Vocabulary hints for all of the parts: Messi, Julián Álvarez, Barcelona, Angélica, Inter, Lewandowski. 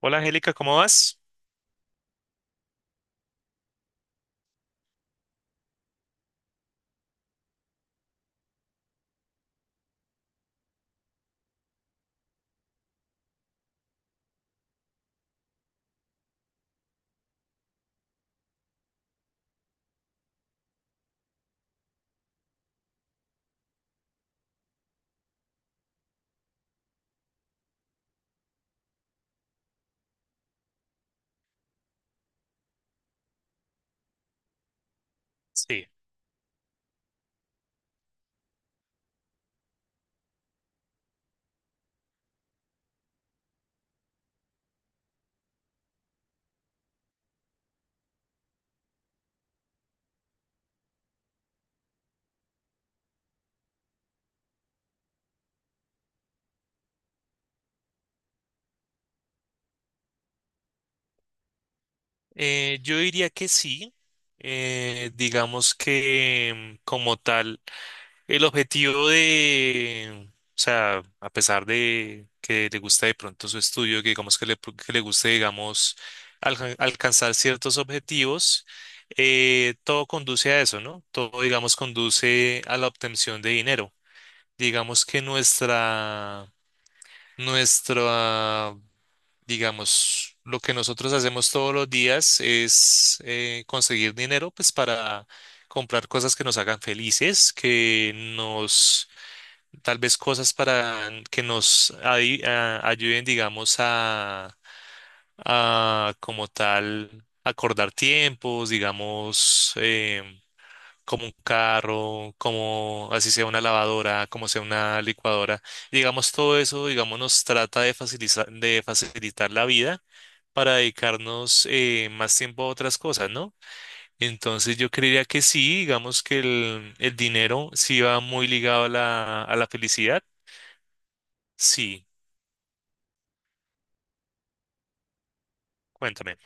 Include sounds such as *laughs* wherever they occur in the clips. Hola Angélica, ¿cómo vas? Sí, yo diría que sí. Digamos que como tal, el objetivo de, o sea, a pesar de que le gusta de pronto su estudio, que digamos que le guste, digamos, alcanzar ciertos objetivos, todo conduce a eso, ¿no? Todo, digamos, conduce a la obtención de dinero. Digamos que nuestra Nuestra, digamos, lo que nosotros hacemos todos los días es conseguir dinero, pues para comprar cosas que nos hagan felices, que nos, tal vez cosas para que nos ayuden, digamos, a como tal acordar tiempos, digamos, como un carro, como así sea una lavadora, como sea una licuadora. Y digamos, todo eso, digamos, nos trata de facilitar la vida para dedicarnos más tiempo a otras cosas, ¿no? Entonces yo creería que sí, digamos que el dinero sí va muy ligado a la felicidad. Sí, cuéntame.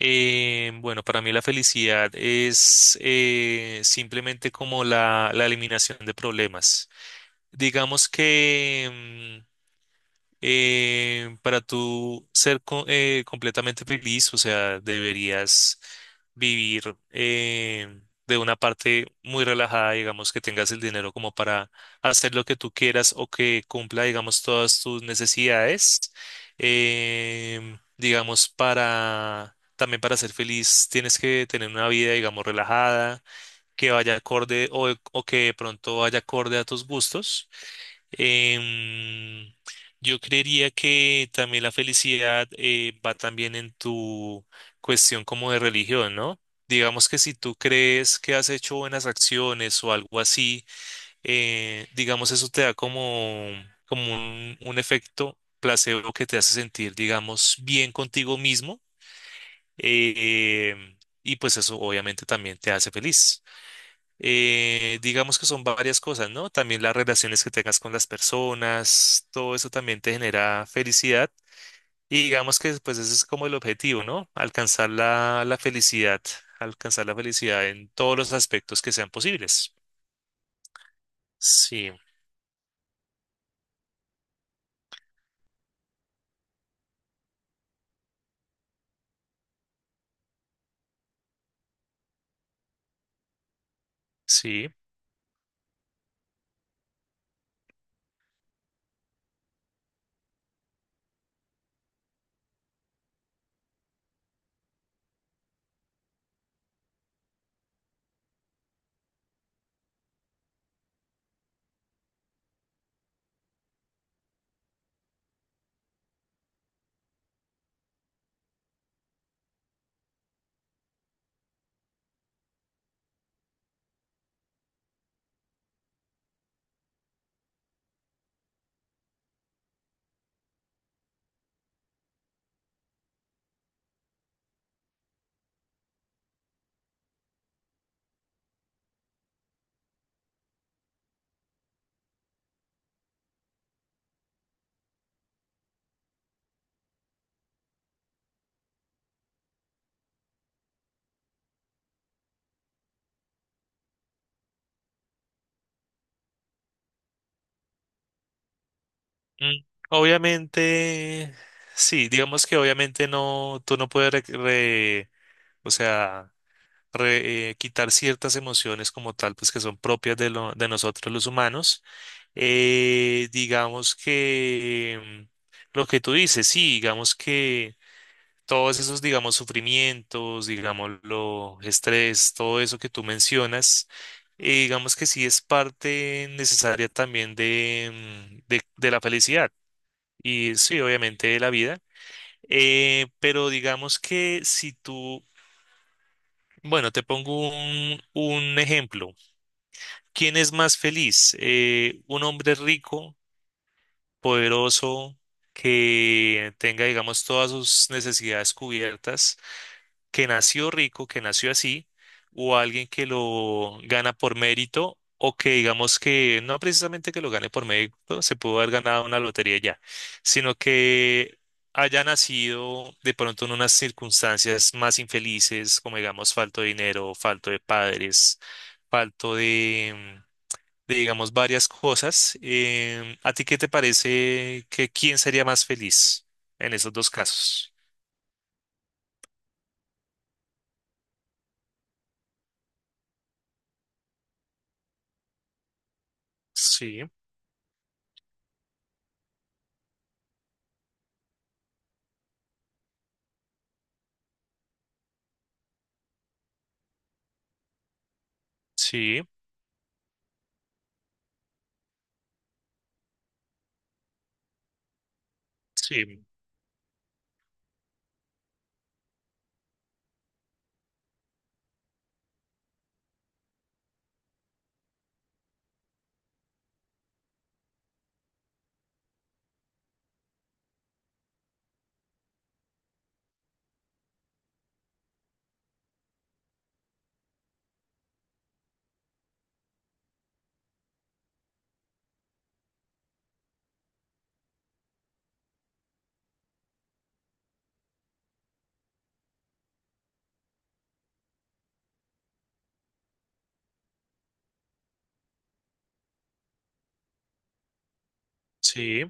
Bueno, para mí la felicidad es simplemente como la eliminación de problemas. Digamos que... para tú ser completamente feliz, o sea, deberías vivir de una parte muy relajada, digamos, que tengas el dinero como para hacer lo que tú quieras o que cumpla, digamos, todas tus necesidades. Digamos, para también para ser feliz tienes que tener una vida, digamos, relajada, que vaya acorde o que de pronto vaya acorde a tus gustos. Em, yo creería que también la felicidad va también en tu cuestión como de religión, ¿no? Digamos que si tú crees que has hecho buenas acciones o algo así, digamos eso te da como, como un efecto placebo que te hace sentir, digamos, bien contigo mismo eh, y pues eso obviamente también te hace feliz. Digamos que son varias cosas, ¿no? También las relaciones que tengas con las personas, todo eso también te genera felicidad. Y digamos que pues ese es como el objetivo, ¿no? Alcanzar la, la felicidad, alcanzar la felicidad en todos los aspectos que sean posibles. Sí, sí. Mm, obviamente, sí, digamos que obviamente no, tú no puedes, o sea, quitar ciertas emociones como tal, pues que son propias de, lo, de nosotros los humanos. Digamos que lo que tú dices, sí, digamos que todos esos, digamos, sufrimientos, digamos, lo estrés, todo eso que tú mencionas, digamos que sí es parte necesaria también de, de la felicidad y sí, obviamente de la vida. Pero digamos que si tú, bueno, te pongo un ejemplo. ¿Quién es más feliz? ¿Eh, un hombre rico? Poderoso, que tenga, digamos, todas sus necesidades cubiertas, que nació rico, que nació así, o alguien que lo gana por mérito, o que digamos que no precisamente que lo gane por mérito, se pudo haber ganado una lotería ya, sino que haya nacido de pronto en unas circunstancias más infelices, como digamos, falto de dinero, falto de padres, falto de, digamos, varias cosas. Em, ¿a ti qué te parece que quién sería más feliz en esos dos casos? Sí, sí, sí, sí,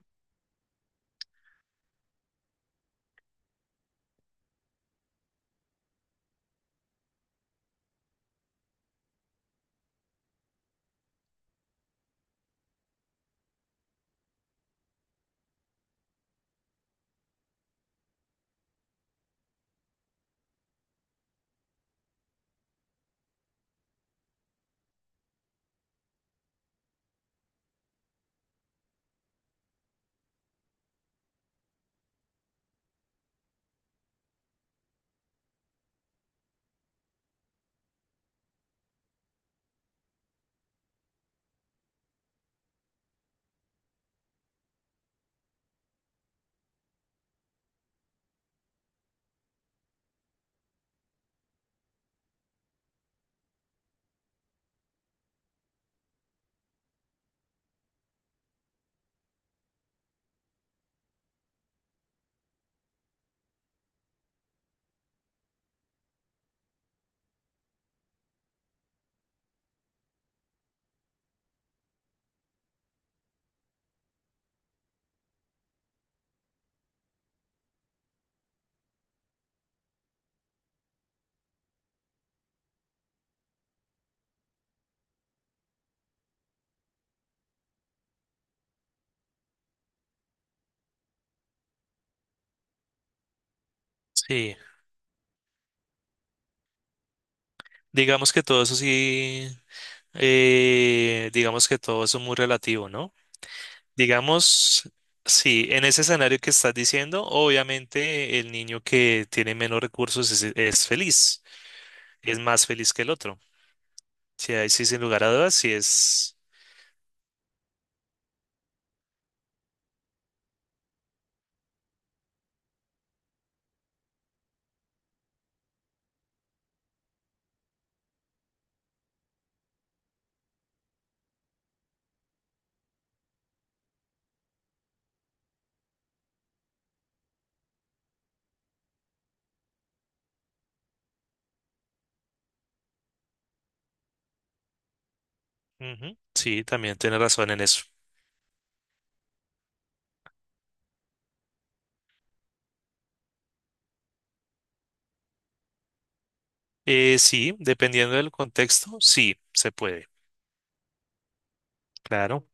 sí. Digamos que todo eso sí, digamos que todo eso es muy relativo, ¿no? Digamos, sí, en ese escenario que estás diciendo, obviamente el niño que tiene menos recursos es feliz, es más feliz que el otro. Sí, ahí sí, sin lugar a dudas, sí es... Ujú, sí, también tienes razón en eso. Sí, dependiendo del contexto, sí, se puede, claro.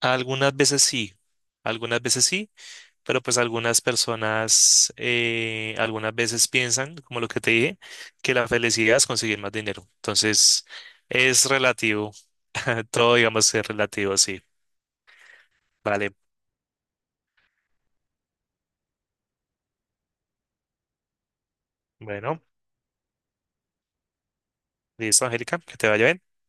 Algunas veces sí, algunas veces sí, pero pues algunas personas, algunas veces piensan, como lo que te dije, que la felicidad es conseguir más dinero. Entonces, es relativo, *laughs* todo digamos que es relativo, sí. Vale, bueno, listo, Angélica, que te vaya bien.